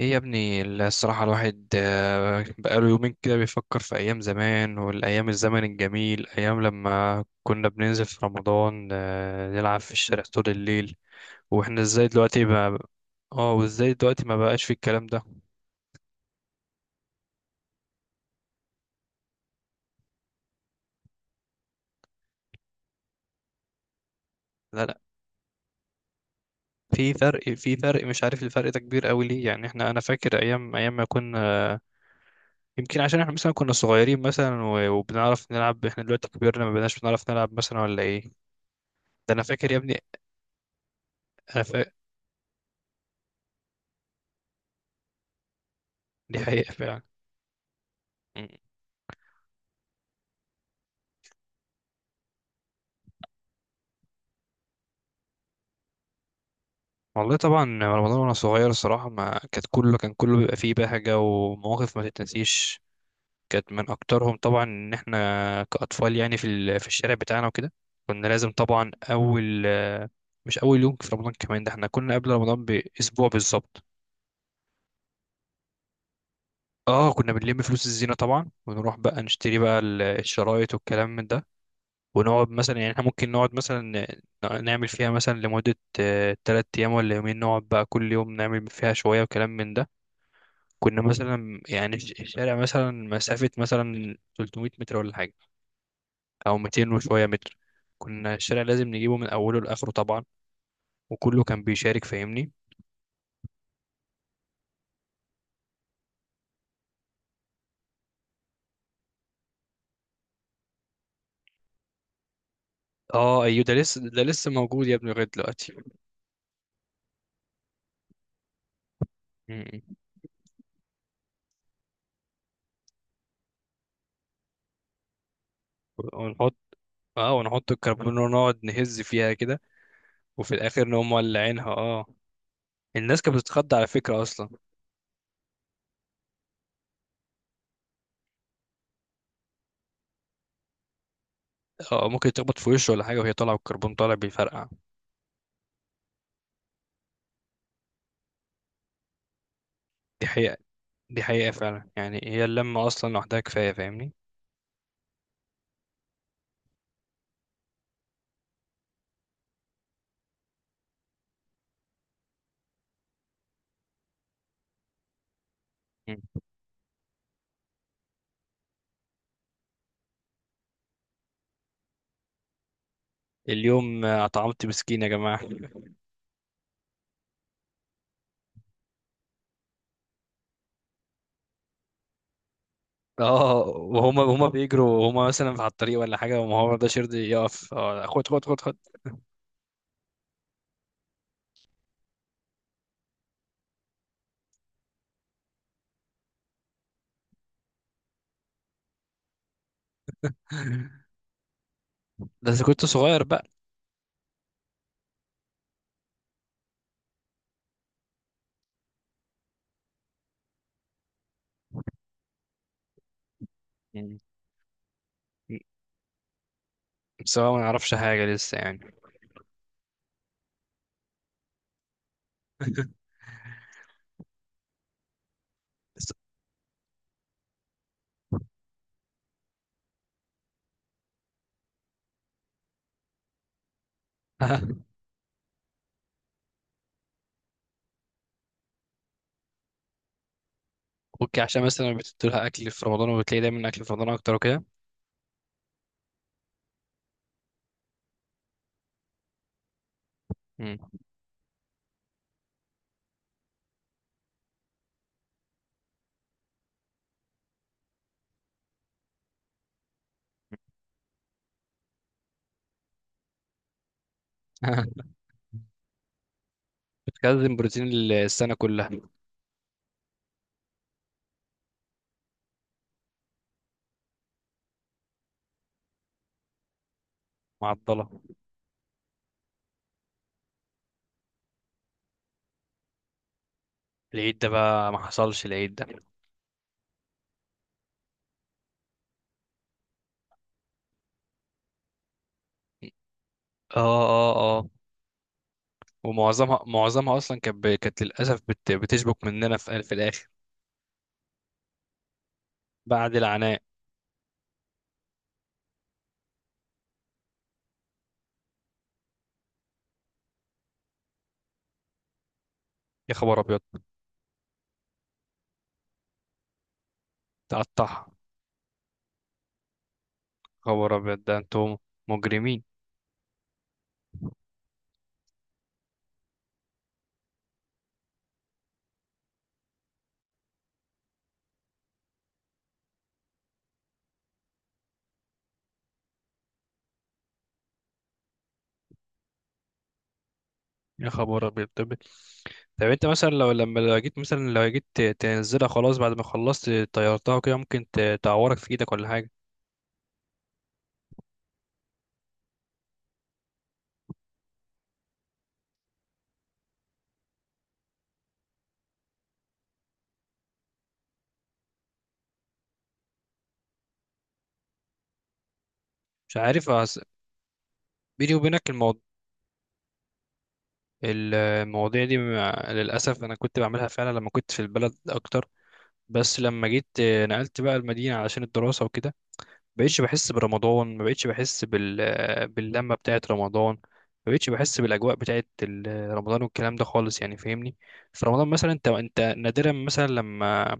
ايه يا ابني. الصراحة الواحد بقاله يومين كده بيفكر في أيام زمان والأيام الزمن الجميل أيام لما كنا بننزل في رمضان، نلعب في الشارع طول الليل. واحنا ازاي دلوقتي ما. اه وازاي دلوقتي ما بقاش في الكلام ده؟ لا لا. في فرق في فرق، مش عارف الفرق ده كبير قوي ليه، يعني احنا انا فاكر ايام ما كنا. يمكن عشان احنا مثلا كنا صغيرين مثلا و- وبنعرف نلعب، احنا دلوقتي كبرنا ما بقناش بنعرف نلعب مثلا ولا ايه. ده انا فاكر يا ابني. انا فاكر، دي حقيقة فعلا. والله طبعا رمضان وانا صغير الصراحه ما كانت كله بيبقى فيه بهجه ومواقف ما تتنسيش. كانت من اكترهم طبعا ان احنا كاطفال، يعني في الشارع بتاعنا وكده كنا لازم طبعا اول. مش اول يوم في رمضان كمان، ده احنا كنا قبل رمضان باسبوع بالظبط. اه كنا بنلم فلوس الزينه طبعا، ونروح بقى نشتري بقى الشرايط والكلام من ده. ونقعد مثلا، يعني احنا ممكن نقعد مثلا نعمل فيها مثلا لمده ثلاث ايام ولا يومين، نقعد بقى كل يوم نعمل فيها شويه وكلام من ده. كنا مثلا يعني الشارع مثلا مسافة مثلا 300 متر ولا حاجة أو 200 وشوية متر، كنا الشارع لازم نجيبه من أوله لآخره طبعا، وكله كان بيشارك فاهمني. اه ايوه ده لسه، ده لسه موجود يا ابني لغاية دلوقتي. م- م. ونحط. اه ونحط الكربون ونقعد نهز فيها كده، وفي الآخر نقوم مولعينها اه. الناس كانت بتتخض على فكرة أصلا. اه ممكن تخبط في وشه ولا حاجة وهي طالعة والكربون طالع بيفرقع. دي حقيقة، دي حقيقة فعلا، يعني هي اللمة أصلا لوحدها كفاية فاهمني. اليوم اطعمت مسكين يا جماعه. اه وهما بيجروا هما مثلا على الطريق ولا حاجه، وما هو ده شرد يقف، خد خد خد خد. بس كنت صغير بقى يعني، سواء ما نعرفش حاجه لسه يعني. بس-. اوكي عشان مثلا بتدولها اكل في رمضان، وبتلاقي دايما اكل في رمضان اكتر وكده. مم. بتخزن بروتين السنه كلها. معضله. العيد ده بقى ما حصلش العيد ده. اه اه اه. ومعظمها، معظمها اصلا كانت كانت للاسف بتشبك مننا في في الاخر بعد العناء. يا خبر ابيض. تقطعها. خبر ابيض ده انتم مجرمين. يا خبر ابيض. طب، طب انت مثلا لو لما لو جيت مثلا لو جيت تنزلها خلاص بعد ما خلصت طيرتها كده، ممكن تعورك في ايدك ولا حاجه. مش عارف بيني وبينك الموضوع، المواضيع دي للاسف انا كنت بعملها فعلا لما كنت في البلد اكتر. بس لما جيت نقلت بقى المدينه علشان الدراسه وكده، بقيتش بحس برمضان، ما بقيتش بحس باللمة بتاعت رمضان. ما بقيتش بحس بالأجواء بتاعت رمضان والكلام ده خالص يعني فاهمني. في رمضان مثلا انت نادرا مثلا لما.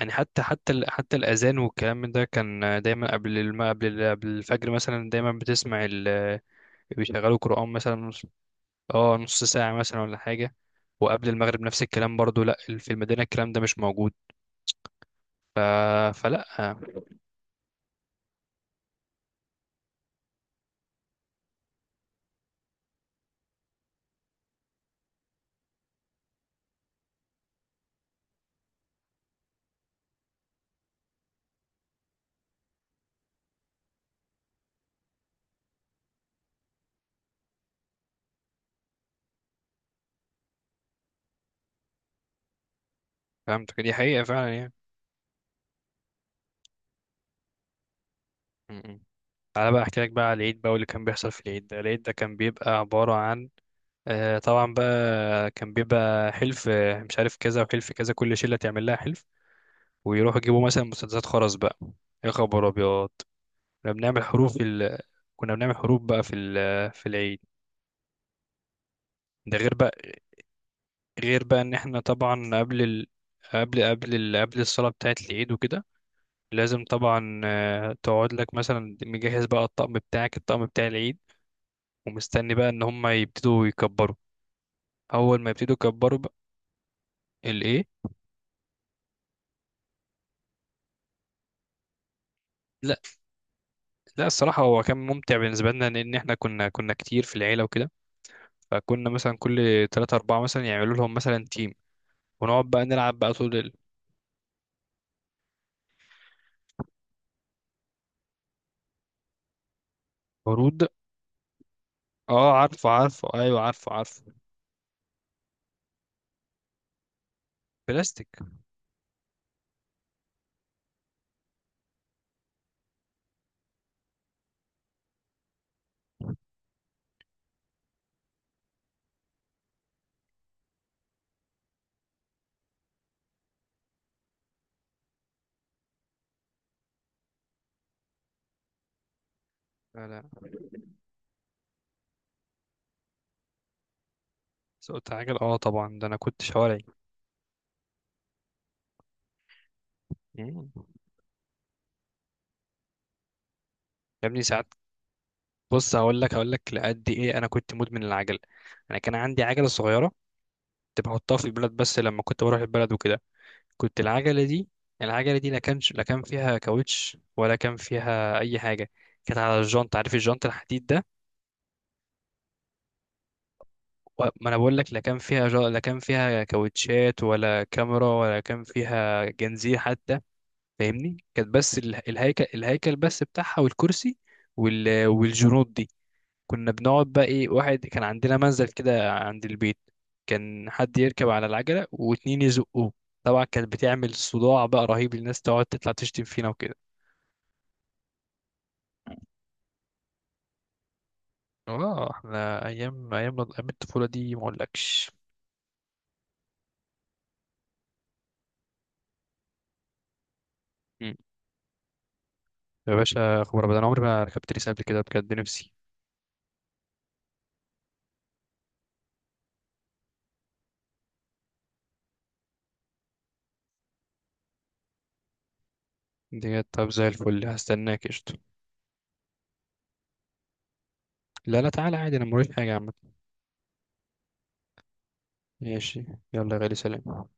يعني حتى الأذان والكلام من ده كان دايما قبل الفجر مثلا، دايما بتسمع بيشغلوا قرآن مثلا اه نص ساعة مثلا ولا حاجة. وقبل المغرب نفس الكلام برضو، لا في المدينة الكلام ده مش موجود. ف... فلا. فهمتك، دي حقيقة فعلا يعني. م-م. تعالى بقى احكي لك بقى على العيد، بقى واللي كان بيحصل في العيد ده. العيد ده كان بيبقى عبارة عن طبعا بقى، كان بيبقى حلف، مش عارف كذا وحلف كذا، كل شلة تعمل لها حلف ويروحوا يجيبوا مثلا مسدسات خرز بقى. يا خبر ابيض. كنا بنعمل حروف ال... كنا بنعمل حروف بقى في العيد. ده غير بقى، غير بقى ان احنا طبعا قبل قبل الصلاة بتاعة العيد وكده لازم طبعا، تقعد لك مثلا مجهز بقى الطقم بتاعك، الطقم بتاع العيد، ومستني بقى ان هم يبتدوا يكبروا. اول ما يبتدوا يكبروا بقى. الايه؟ لا لا، الصراحه هو كان ممتع بالنسبه لنا، لان احنا كنا كنا كتير في العيله وكده، فكنا مثلا كل ثلاثة أربعة مثلا يعملوا لهم مثلا تيم، ونقعد بقى نلعب بقى طول. العروض. اه عارفه عارفه، ايوه عارفه عارفه. بلاستيك. لا لا. سقط عجل اه طبعا، ده انا كنت شوارعي. مم. يا ابني ساعات. بص هقول لك، هقول لك لقد ايه، انا كنت مدمن العجل. انا كان عندي عجله صغيره، كنت بحطها في البلد، بس لما كنت بروح البلد وكده كنت العجلة دي. العجلة دي لا كانش، لا كان فيها كاوتش ولا كان فيها أي حاجة، كانت على الجنط، عارف الجنط الحديد ده. ما أنا بقول لك، لا كان فيها جا... لا كان فيها كاوتشات ولا كاميرا ولا كان فيها جنزير حتى، فاهمني. كانت بس الهيكل، الهيكل بس بتاعها والكرسي والجنوط دي، كنا بنقعد بقى إيه، واحد كان عندنا منزل كده عند البيت، كان حد يركب على العجلة واتنين يزقوه. طبعا كانت بتعمل صداع بقى رهيب، الناس تقعد تطلع تشتم فينا وكده. اه احنا ايام، ايام الطفوله دي ما اقولكش. مم. يا باشا خبر ابدا، انا عمري ما ركبت ريس قبل كده، بجد نفسي. ديت، طب زي الفل هستناك قشطة. لا لا تعالى عادي، انا موريش حاجه يا عم. ماشي. يلا يا غالي، سلام.